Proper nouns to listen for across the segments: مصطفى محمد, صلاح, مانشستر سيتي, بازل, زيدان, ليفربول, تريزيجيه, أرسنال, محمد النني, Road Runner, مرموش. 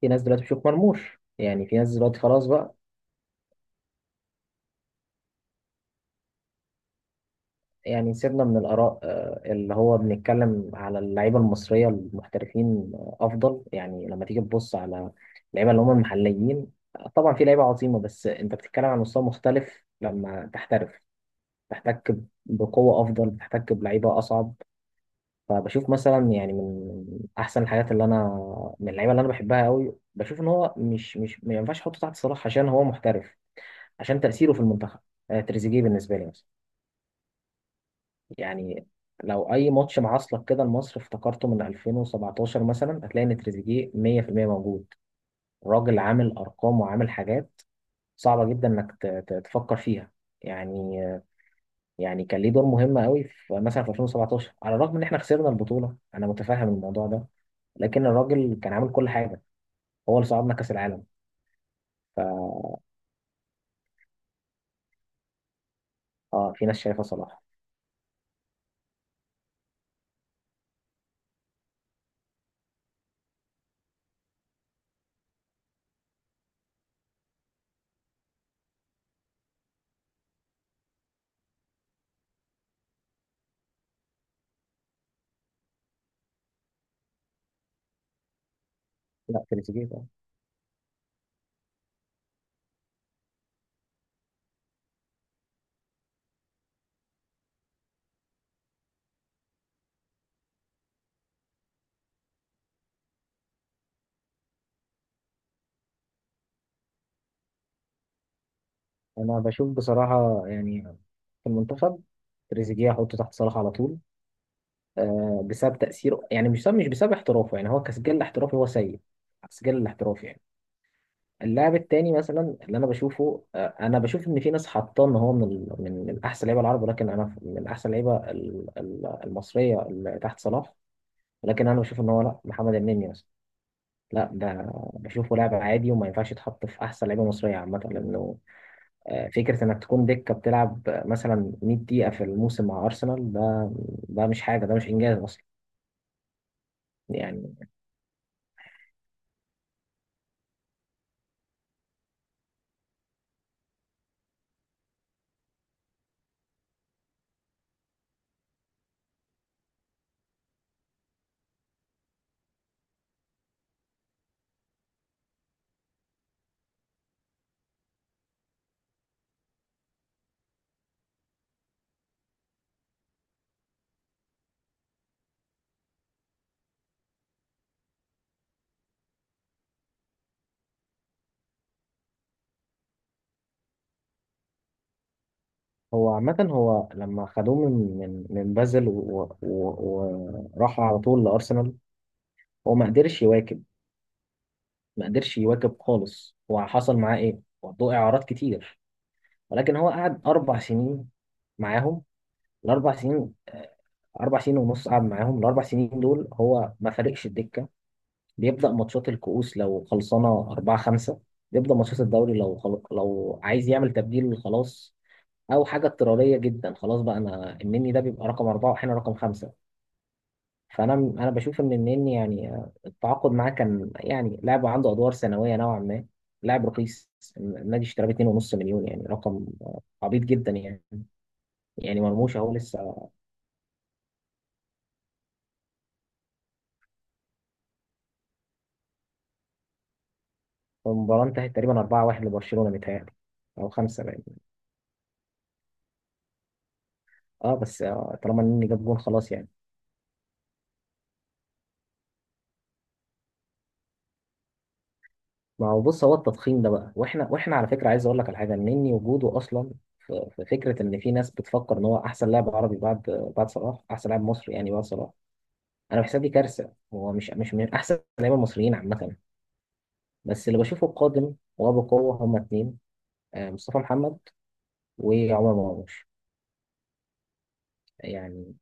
في ناس دلوقتي بتشوف مرموش. يعني في ناس دلوقتي خلاص بقى. يعني سيبنا من الآراء، اللي هو بنتكلم على اللعيبة المصرية المحترفين، أفضل. يعني لما تيجي تبص على اللعيبة اللي هم المحليين، آه، طبعا في لعيبة عظيمة، بس أنت بتتكلم عن مستوى مختلف لما تحترف. تحتك بقوة أفضل، بتحتك بلعيبة أصعب. فبشوف مثلا يعني من أحسن الحاجات اللي أنا، من اللعيبة اللي أنا بحبها قوي، بشوف إن هو مش ما ينفعش أحطه تحت صلاح عشان هو محترف، عشان تأثيره في المنتخب. آه، تريزيجيه بالنسبة لي مثلا، يعني لو أي ماتش معاصلك كده لمصر افتكرته من 2017 مثلا، هتلاقي إن تريزيجيه 100% موجود. راجل عامل أرقام وعامل حاجات صعبة جدا إنك تفكر فيها. يعني آه، يعني كان ليه دور مهم قوي في مثلا في 2017، على الرغم إن إحنا خسرنا البطولة. أنا متفهم الموضوع ده، لكن الراجل كان عامل كل حاجة، هو اللي صعدنا كأس العالم. ف... آه، في ناس شايفة صلاح. لا، تريزيجيه. انا بشوف بصراحه، يعني في المنتخب تريزيجيه احطه تحت صلاح على طول، آه، بسبب تاثيره. يعني مش بسبب احترافه. يعني هو كسجل الاحترافي هو سيء، السجل الاحترافي يعني. اللاعب التاني مثلا اللي انا بشوفه، آه، انا بشوف ان في ناس حاطاه ان هو من احسن لعيبه العرب. ولكن انا من احسن لعيبه المصريه اللي تحت صلاح. ولكن انا بشوف ان هو، لا، محمد النني مثلا، لا، ده بشوفه لاعب عادي وما ينفعش يتحط في احسن لعيبه مصريه عامه، لانه آه، فكرة إنك تكون دكة بتلعب مثلا 100 دقيقة في الموسم مع أرسنال، ده ده مش حاجة، ده مش إنجاز أصلا. يعني هو عامة، هو لما خدوه من بازل وراحوا على طول لأرسنال، هو ما قدرش يواكب. ما قدرش يواكب خالص. هو حصل معاه إيه؟ وضوء إعارات كتير. ولكن هو قعد 4 سنين معاهم، ال4 سنين، آه، 4 سنين ونص قعد معاهم. ال4 سنين دول هو ما فارقش الدكة. بيبدأ ماتشات الكؤوس لو خلصانة أربعة خمسة، بيبدأ ماتشات الدوري لو لو عايز يعمل تبديل خلاص، أو حاجة اضطرارية جدا. خلاص بقى، أنا النني ده بيبقى رقم أربعة وأحيانا رقم خمسة. فأنا بشوف إن النني يعني، آه، التعاقد معاه كان يعني لاعب عنده أدوار ثانوية نوعا ما، لاعب رخيص. النادي اشتراه ب 2.5 مليون، يعني رقم آه، عبيط جدا يعني. يعني مرموش أهو لسه. المباراة انتهت تقريبا 4-1 لبرشلونة متهيألي، أو خمسة بقى. اه بس آه، طالما النني جاب جون خلاص يعني. ما هو بص، هو التضخيم ده بقى، واحنا على فكره عايز اقول لك على حاجه، مني وجوده اصلا في فكره ان في ناس بتفكر ان هو احسن لاعب عربي بعد صلاح، احسن لاعب مصري يعني بعد صلاح. انا بحسها دي كارثه. هو مش من احسن اللعيبه المصريين عامه. بس اللي بشوفه قادم وبقوه هما اتنين، آه، مصطفى محمد وعمر مرموش. يعني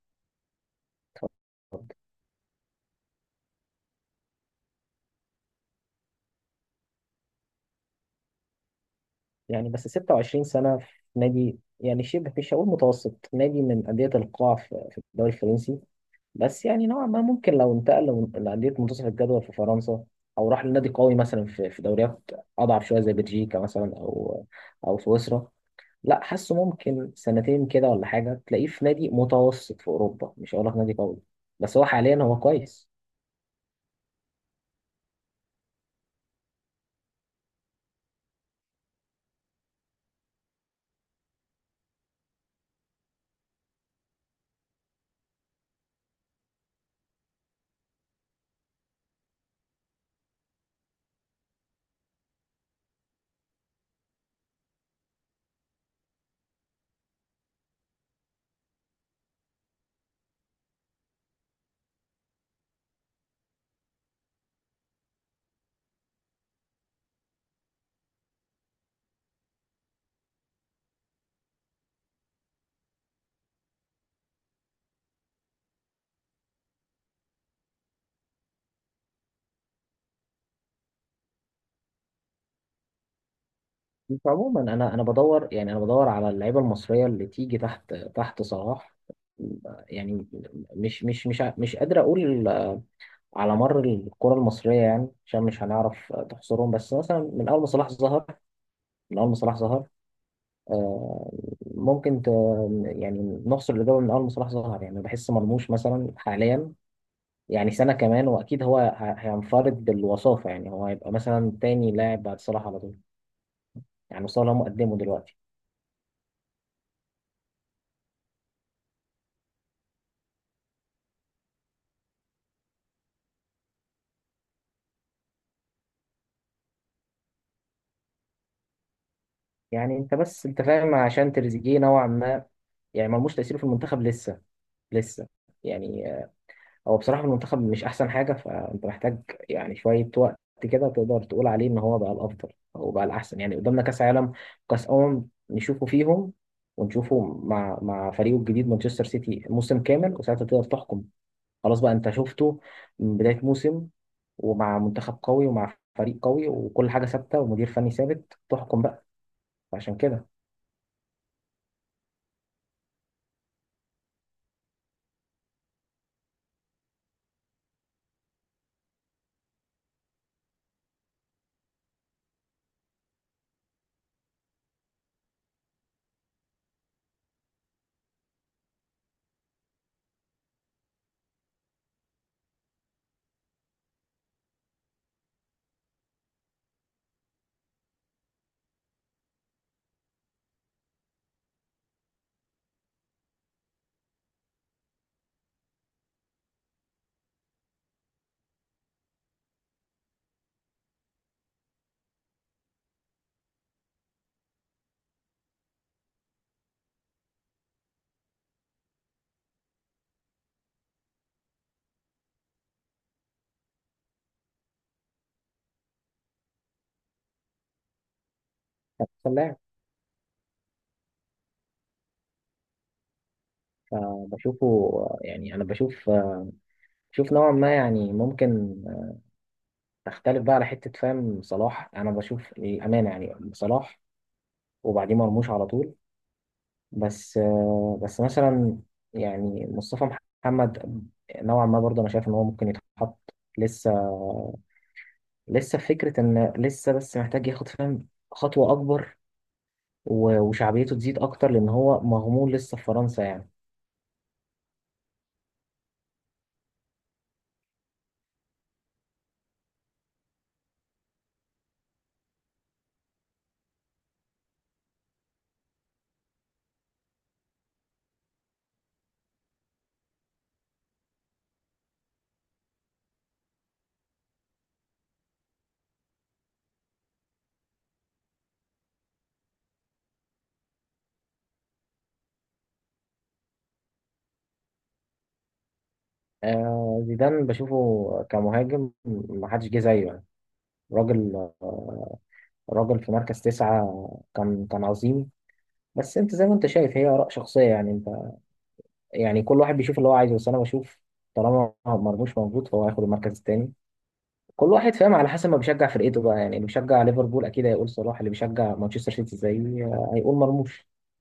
يعني بس 26 سنه في نادي يعني شبه، مش هقول متوسط، نادي من انديه القاع في في الدوري الفرنسي. بس يعني نوعا ما ممكن لو انتقل لأندية منتصف الجدول في فرنسا، أو راح لنادي قوي مثلا في في دوريات أضعف شوية زي بلجيكا مثلا، أو أو سويسرا. لا، حاسه ممكن سنتين كده ولا حاجة تلاقيه في نادي متوسط في أوروبا، مش هقول لك نادي قوي، بس هو حاليا هو كويس. عموما أنا بدور يعني، أنا بدور على اللعيبة المصرية اللي تيجي تحت صلاح. يعني مش قادر أقول على مر الكرة المصرية، يعني عشان مش هنعرف تحصرهم، بس مثلا من أول ما صلاح ظهر. من أول ما صلاح ظهر، آه، ممكن ت... يعني نحصر الإجابة من أول ما صلاح ظهر. يعني بحس مرموش مثلا حاليا، يعني سنة كمان وأكيد هو هينفرد بالوصافة. يعني هو هيبقى مثلا تاني لاعب بعد صلاح على طول. يعني صلاح مقدمه دلوقتي. يعني أنت بس أنت فاهم عشان تريزيجيه نوعا ما. يعني مرموش تأثيره في المنتخب لسه، لسه يعني. هو بصراحة المنتخب مش أحسن حاجة، فأنت محتاج يعني شوية وقت كده تقدر تقول عليه إن هو بقى الأفضل أو بقى الأحسن. يعني قدامنا كأس عالم، كأس أمم، نشوفه فيهم، ونشوفه مع مع فريقه الجديد مانشستر سيتي موسم كامل، وساعتها تقدر تحكم. خلاص بقى، أنت شفته من بداية موسم، ومع منتخب قوي ومع فريق قوي وكل حاجة ثابتة ومدير فني ثابت، تحكم بقى. فعشان كده كان أحسن لاعب. فبشوفه، يعني أنا بشوف، بشوف نوعا ما يعني. ممكن تختلف بقى على حتة فاهم، صلاح أنا بشوف الأمانة، يعني صلاح وبعديه مرموش على طول. بس آه، بس مثلا يعني مصطفى محمد نوعا ما برضه أنا شايف إن هو ممكن يتحط، لسه، لسه في فكرة إن لسه، بس محتاج ياخد فاهم خطوة أكبر، وشعبيته تزيد أكتر لأن هو مغمور لسه في فرنسا يعني. آه، زيدان بشوفه كمهاجم محدش جه زيه يعني. راجل، راجل في مركز تسعة، كان كان عظيم. بس انت زي ما انت شايف هي اراء شخصيه يعني. انت يعني كل واحد بيشوف اللي هو عايزه، بس انا بشوف طالما مرموش موجود فهو هياخد المركز الثاني. كل واحد فاهم على حسب ما بيشجع فرقته بقى. يعني اللي بيشجع ليفربول اكيد هيقول صلاح، اللي بيشجع مانشستر سيتي زي هيقول مرموش.